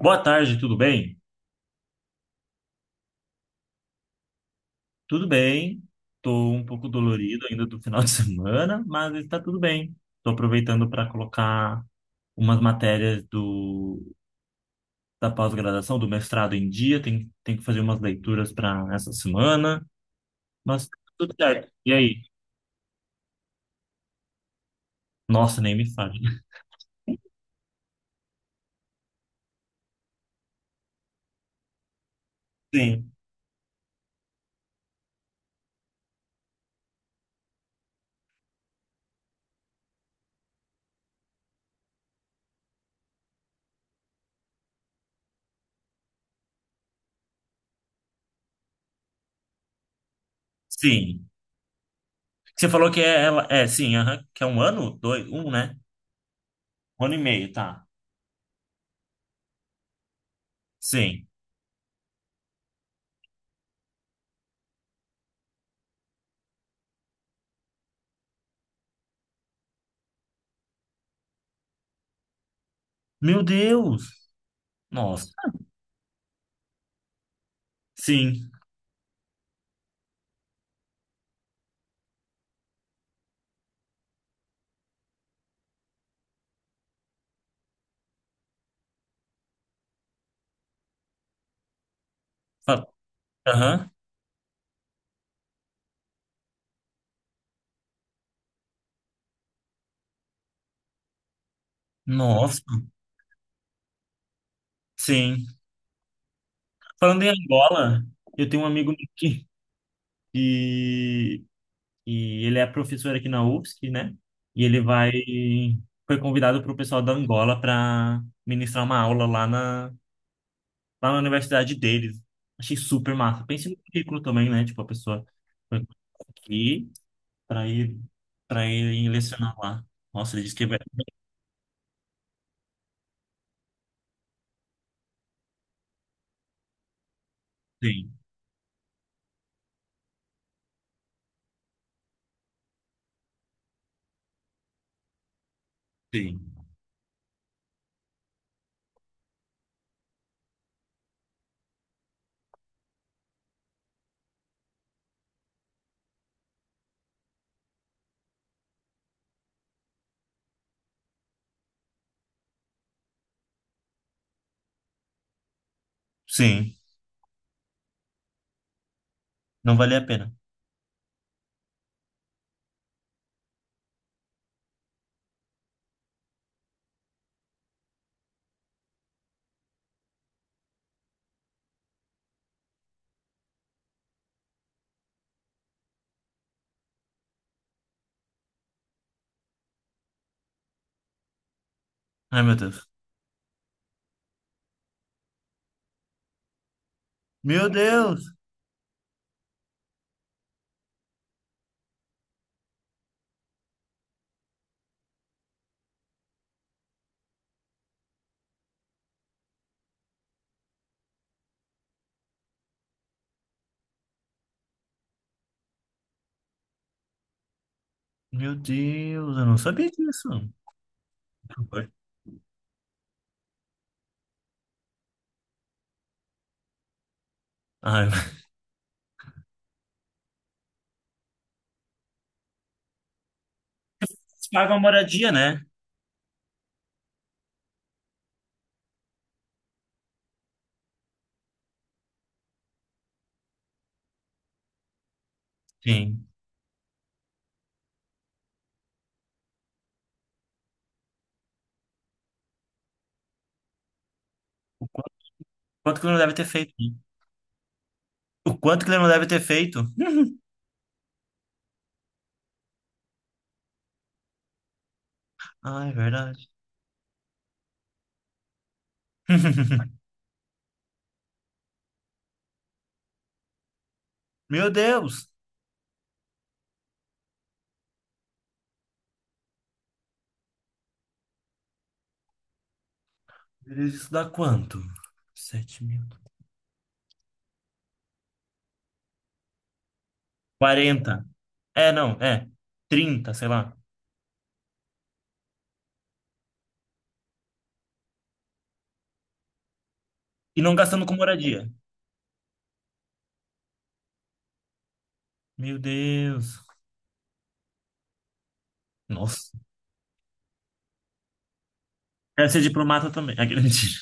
Boa tarde, tudo bem? Tudo bem. Tô um pouco dolorido ainda do final de semana, mas está tudo bem. Tô aproveitando para colocar umas matérias do da pós-graduação, do mestrado em dia. Tem que fazer umas leituras para essa semana, mas tá tudo certo. E aí? Nossa, nem me fale. Sim, sim. Você falou que é ela, é sim, aham, que é um ano, dois, um, né? Um ano e meio, tá? Sim. Meu Deus. Nossa. Sim. Fa- Aham. Nossa. Sim. Falando em Angola, eu tenho um amigo meu que, e ele é professor aqui na UFSC, né? E ele vai foi convidado para o pessoal da Angola para ministrar uma aula lá na universidade deles. Achei super massa. Pense no currículo também, né? Tipo, a pessoa foi aqui para ir para ir lecionar lá. Nossa, ele disse que vai. Sim, sim. Sim, não valia a pena. Ai, meu Deus. Meu Deus! Meu Deus, eu não sabia disso. Oi? Ah, mas paga uma moradia, né? Sim. O quanto, quanto que ele não deve ter feito, né? O quanto que ele não deve ter feito? Ah, é verdade. Meu Deus! Isso dá quanto? 7 mil. 40? É, não, é. Trinta, sei lá. E não gastando com moradia. Meu Deus. Nossa. Quero ser diplomata também. Aquele mentira.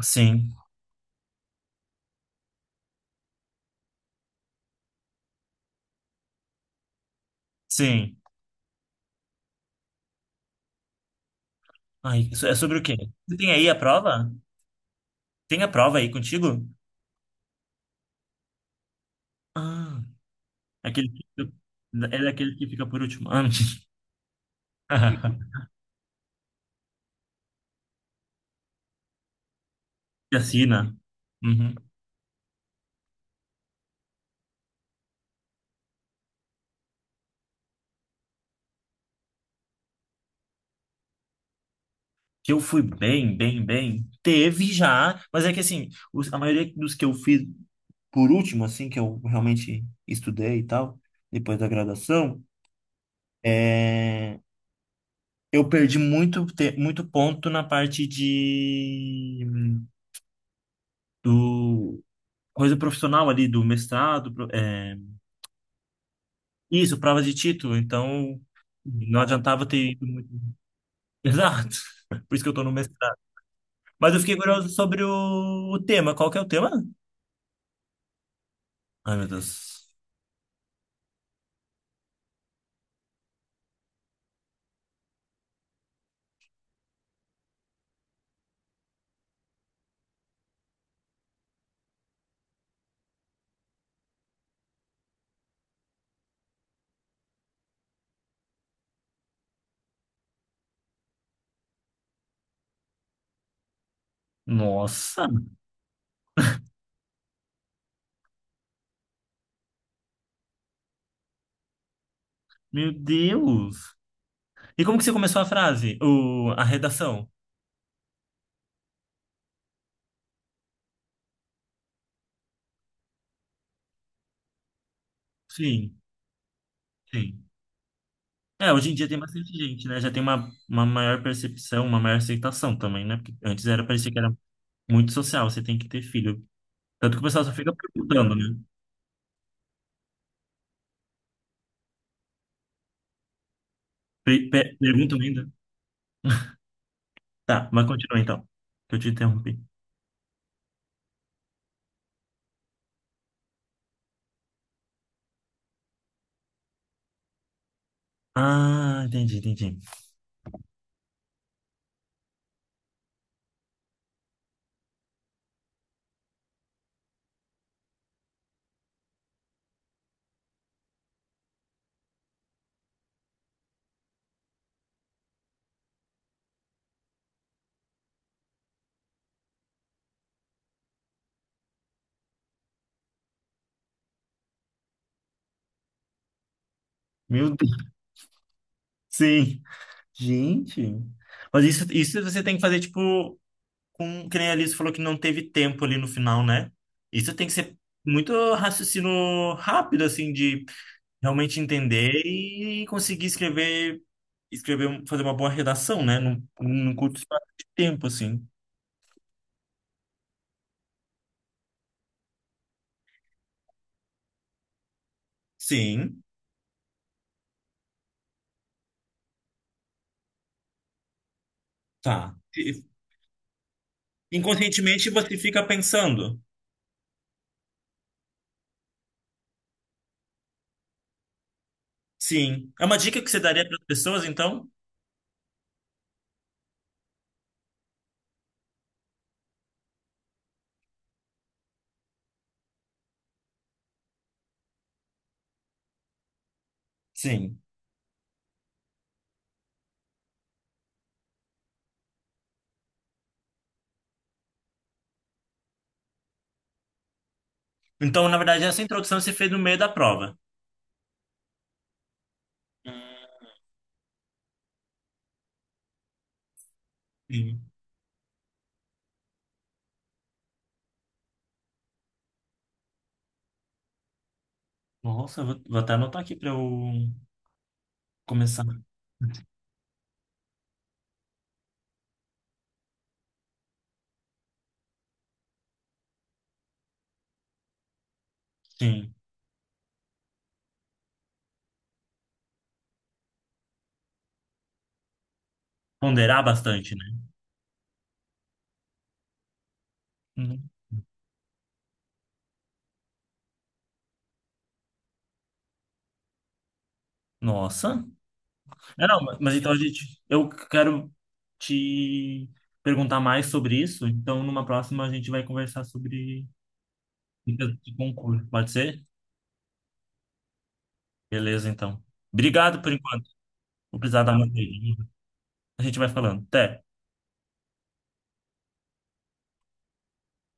Sim, sim. Ai, isso é sobre o quê? Você tem aí a prova? Tem a prova aí contigo? Ah. Aquele que, é daquele que fica por último. Ah, que assina. Uhum. Que eu fui bem, bem, bem. Teve já, mas é que assim, a maioria dos que eu fiz por último, assim, que eu realmente estudei e tal, depois da graduação, é, eu perdi muito, muito ponto na parte de do coisa profissional ali, do mestrado, é, isso, provas de título, então não adiantava ter ido. Exato. Por isso que eu tô no mestrado. Mas eu fiquei curioso sobre o tema. Qual que é o tema? Ai, meu Deus. Nossa, meu Deus. E como que você começou a frase? A redação? Sim, sim. É, hoje em dia tem bastante gente, né? Já tem uma maior percepção, uma maior aceitação também, né? Porque antes era, parecia que era muito social, você tem que ter filho. Tanto que o pessoal só fica perguntando, né? Perguntam ainda? Tá, mas continua então, que eu te interrompi. Ah, entendi, entendi. Meu Deus. Sim. Gente. Mas isso você tem que fazer, tipo, com, que nem a Alice falou que não teve tempo ali no final, né? Isso tem que ser muito raciocínio rápido, assim, de realmente entender e conseguir escrever, escrever, fazer uma boa redação, né? Num curto espaço de tempo, assim. Sim, tá. Inconscientemente você fica pensando. Sim. É uma dica que você daria para as pessoas, então? Sim. Então, na verdade, essa introdução você fez no meio da prova. Sim. Nossa, vou até anotar aqui para eu começar, sim, ponderar bastante, né? Uhum. Nossa. É, não, mas então a gente, eu quero te perguntar mais sobre isso, então numa próxima a gente vai conversar sobre dicas de concurso, pode ser? Beleza, então. Obrigado por enquanto. Vou precisar dar uma saída. A gente vai falando. Até.